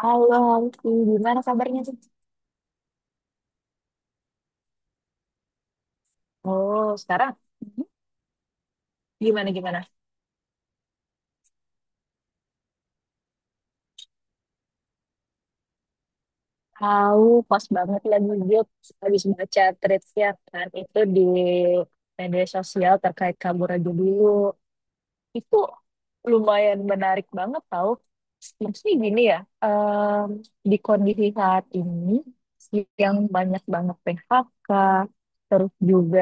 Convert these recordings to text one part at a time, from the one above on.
Halo, Alfi. Gimana kabarnya tuh? Oh, sekarang gimana gimana? Tahu, pas banget lagi gue habis baca threads ya kan itu di media sosial terkait kabur aja dulu. Itu lumayan menarik banget tahu. Maksudnya gini ya, di kondisi saat ini yang banyak banget PHK, terus juga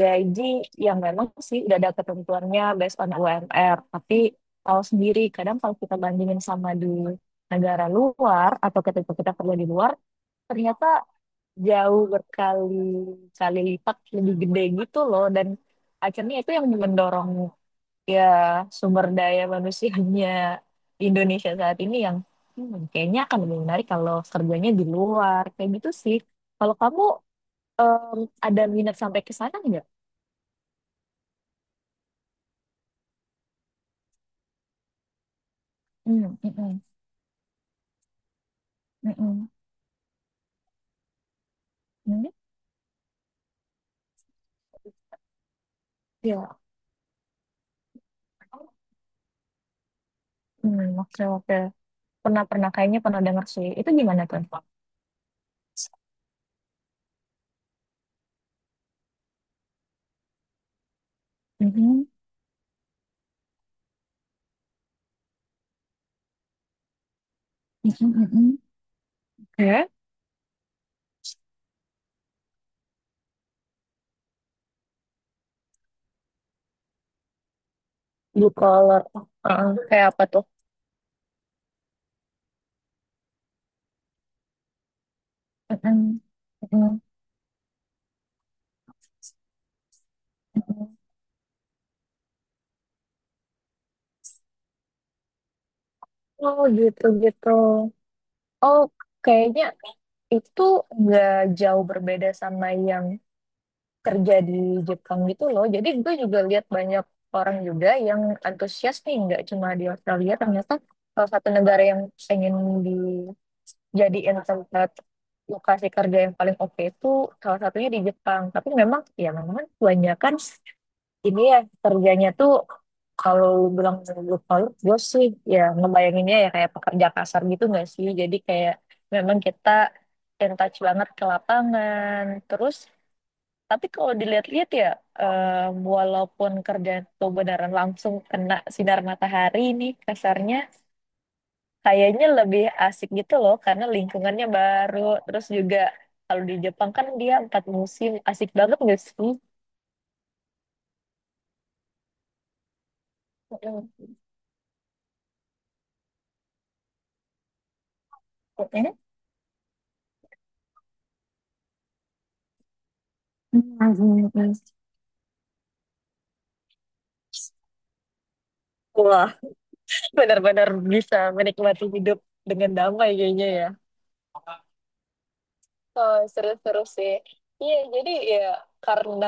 gaji yang memang sih udah ada ketentuannya based on UMR, tapi tahu sendiri kadang kalau kita bandingin sama di negara luar atau ketika kita kerja di luar, ternyata jauh berkali-kali lipat lebih gede gitu loh. Dan akhirnya itu yang mendorong ya sumber daya manusianya di Indonesia saat ini yang, "Hmm, kayaknya akan lebih menarik kalau kerjanya di luar kayak gitu sih." Kalau kamu em, ada minat sampai ke sana nggak? Hmm, mm-mm. Mm-mm. Mungkin ya. Hmm, oke oke, pernah pernah kayaknya pernah dengar sih. Itu gimana tuh? Mm-mm. Mm-mm. Oke. Blue collar. Heeh, kayak apa tuh? Mm-mm. Mm. Oh gitu gitu. Oh, kayaknya itu nggak jauh berbeda sama yang kerja di Jepang gitu loh. Jadi gue juga lihat banyak orang juga yang antusias nih, nggak cuma di Australia. Ternyata salah satu negara yang pengen jadiin tempat lokasi kerja yang paling oke itu salah satunya di Jepang. Tapi memang ya memang kan kebanyakan ini ya kerjanya tuh kalau lu bilang blue collar, gue sih ya ngebayanginnya ya kayak pekerja kasar gitu nggak sih? Jadi kayak memang kita in touch banget ke lapangan. Terus tapi kalau dilihat-lihat ya, eh, walaupun kerjaan tuh beneran langsung kena sinar matahari nih kasarnya, kayaknya lebih asik gitu loh karena lingkungannya baru. Terus juga kalau di Jepang kan dia empat musim, asik banget gak sih? Mm-mm. Mm-mm. Hmm. Wah, benar-benar bisa menikmati hidup dengan damai kayaknya ya. Oh, seru-seru sih. Iya, jadi ya karena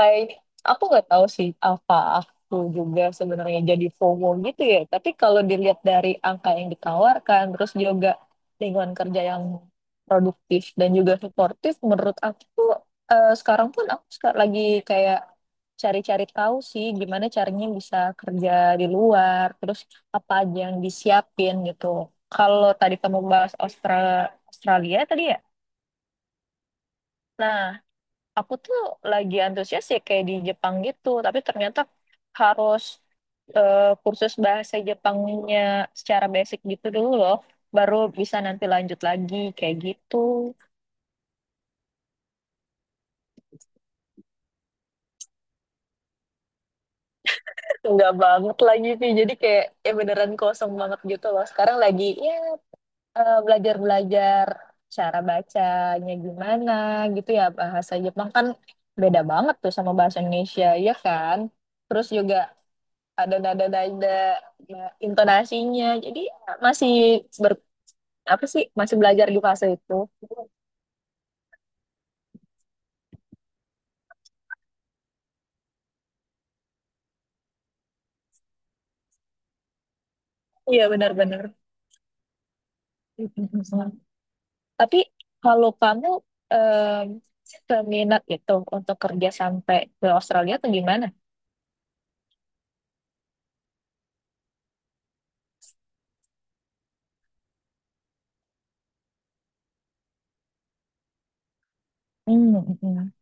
kayaknya aku nggak tahu sih, apa aku juga sebenarnya jadi FOMO gitu ya. Tapi kalau dilihat dari angka yang ditawarkan, terus juga lingkungan kerja yang produktif dan juga suportif, menurut aku tuh, sekarang pun aku lagi kayak cari-cari tahu sih gimana caranya bisa kerja di luar, terus apa aja yang disiapin gitu. Kalau tadi kamu bahas Australia tadi ya. Nah, aku tuh lagi antusias ya kayak di Jepang gitu, tapi ternyata harus eh, kursus bahasa Jepangnya secara basic gitu dulu loh, baru bisa nanti lanjut lagi kayak gitu. Enggak banget lagi sih, jadi kayak ya beneran kosong banget gitu loh. Sekarang lagi ya belajar-belajar cara bacanya gimana gitu ya. Bahasa Jepang kan beda banget tuh sama bahasa Indonesia ya kan. Terus juga ada nada-nada ya, intonasinya. Jadi ya, masih ber, apa sih, masih belajar di fase itu. Iya benar-benar. Tapi kalau kamu em, seminat itu untuk kerja sampai ke Australia atau gimana? Mm, mm.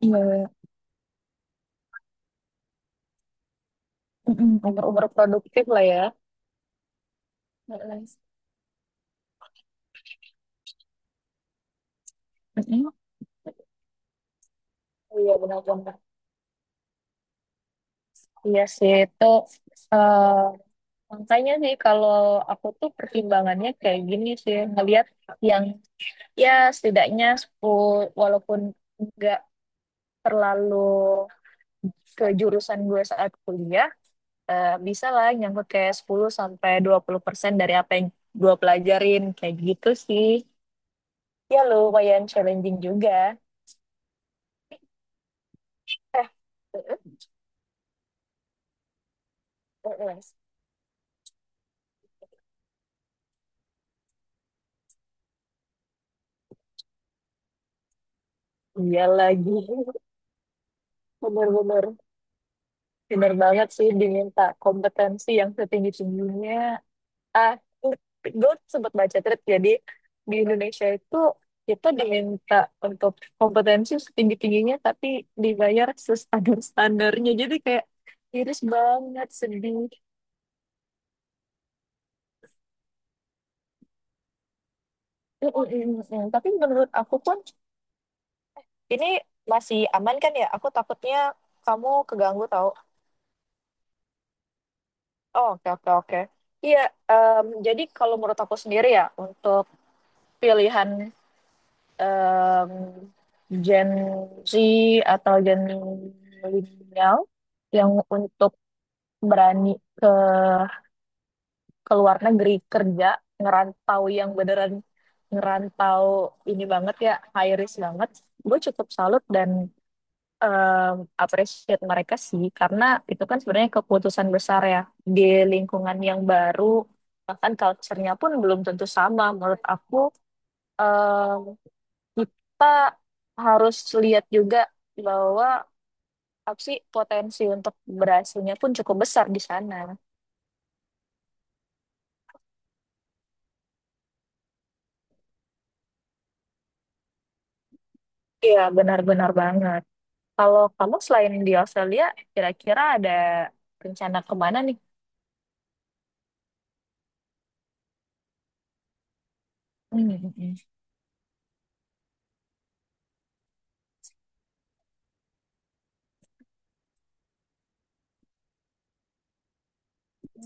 Iya, mm, umur-umur produktif lah ya. Mm-mm. Mm. Iya benar-benar. Iya sih itu, eh, makanya sih kalau aku tuh pertimbangannya kayak gini sih, ngelihat yang ya setidaknya 10 walaupun nggak terlalu ke jurusan gue saat kuliah, bisa lah nyangkut kayak 10 sampai 20% dari apa yang gue pelajarin kayak gitu sih. Ya lumayan challenging juga. eh eh, eh, eh. Iya lagi. Bener-bener bener banget sih, diminta kompetensi yang setinggi-tingginya. ah gue sempat baca thread, jadi di Indonesia itu kita diminta untuk kompetensi setinggi tingginya tapi dibayar standar standarnya. Jadi kayak iris banget, sedih. Mm, mm, mm, mm. Tapi menurut aku pun ini masih aman kan ya? Aku takutnya kamu keganggu tau. Oh, oke oke oke. Iya, jadi kalau menurut aku sendiri ya, untuk pilihan em, Gen Z atau Gen milenial yang untuk berani ke ke luar negeri kerja, ngerantau yang beneran ngerantau, ini banget ya, high risk banget. Gue cukup salut dan em, appreciate mereka sih, karena itu kan sebenarnya keputusan besar ya, di lingkungan yang baru, bahkan culture-nya pun belum tentu sama. Menurut aku em, kita harus lihat juga bahwa apa sih potensi untuk berhasilnya pun cukup besar di sana. Iya, benar-benar banget. Kalau kamu selain di Australia, kira-kira ada rencana kemana nih? Hmm, hmm, hmm,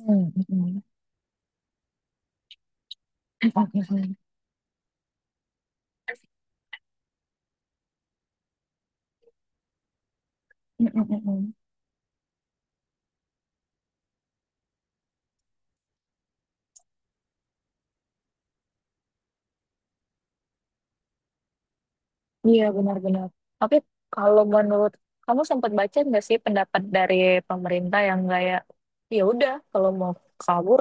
hmm, hmm, hmm, hmm, hmm, hmm, hmm. Iya, benar-benar. Tapi kalau menurut kamu, sempat baca nggak sih pendapat dari pemerintah yang kayak, ya udah kalau mau kabur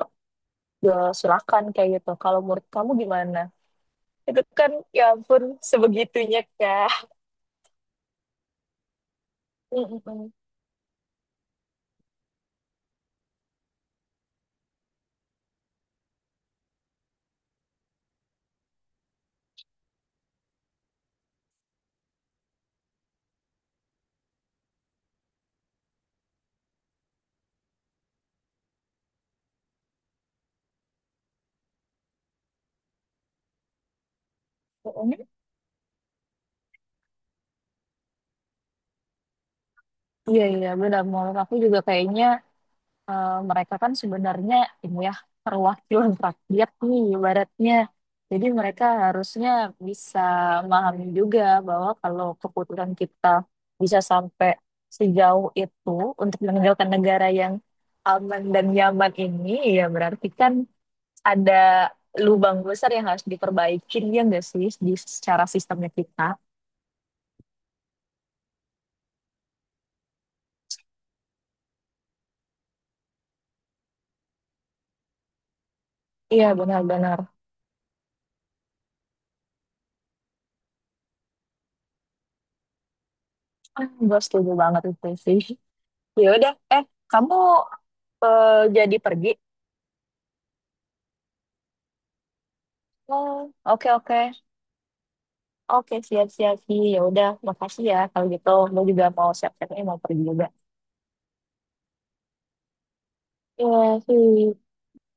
ya silakan kayak gitu. Kalau menurut kamu gimana? Itu kan ya ampun, sebegitunya kak. Mm, mm, mm. Mm, mm. Iya, iya, benar. Menurut aku juga kayaknya mereka kan sebenarnya ini ya, perwakilan rakyat nih ibaratnya. Jadi mereka harusnya bisa memahami juga bahwa kalau keputusan kita bisa sampai sejauh itu untuk meninggalkan negara yang aman dan nyaman ini, ya berarti kan ada lubang besar yang harus diperbaikin ya nggak sih di secara sistemnya kita. Iya benar-benar. Ah, gue setuju banget itu sih. Ya udah, eh kamu eh, jadi pergi? Oh, oke oke. Oke, siap-siap sih. Ya udah, makasih ya kalau gitu. Gue juga mau siap-siap nih mau pergi juga. Iya sih.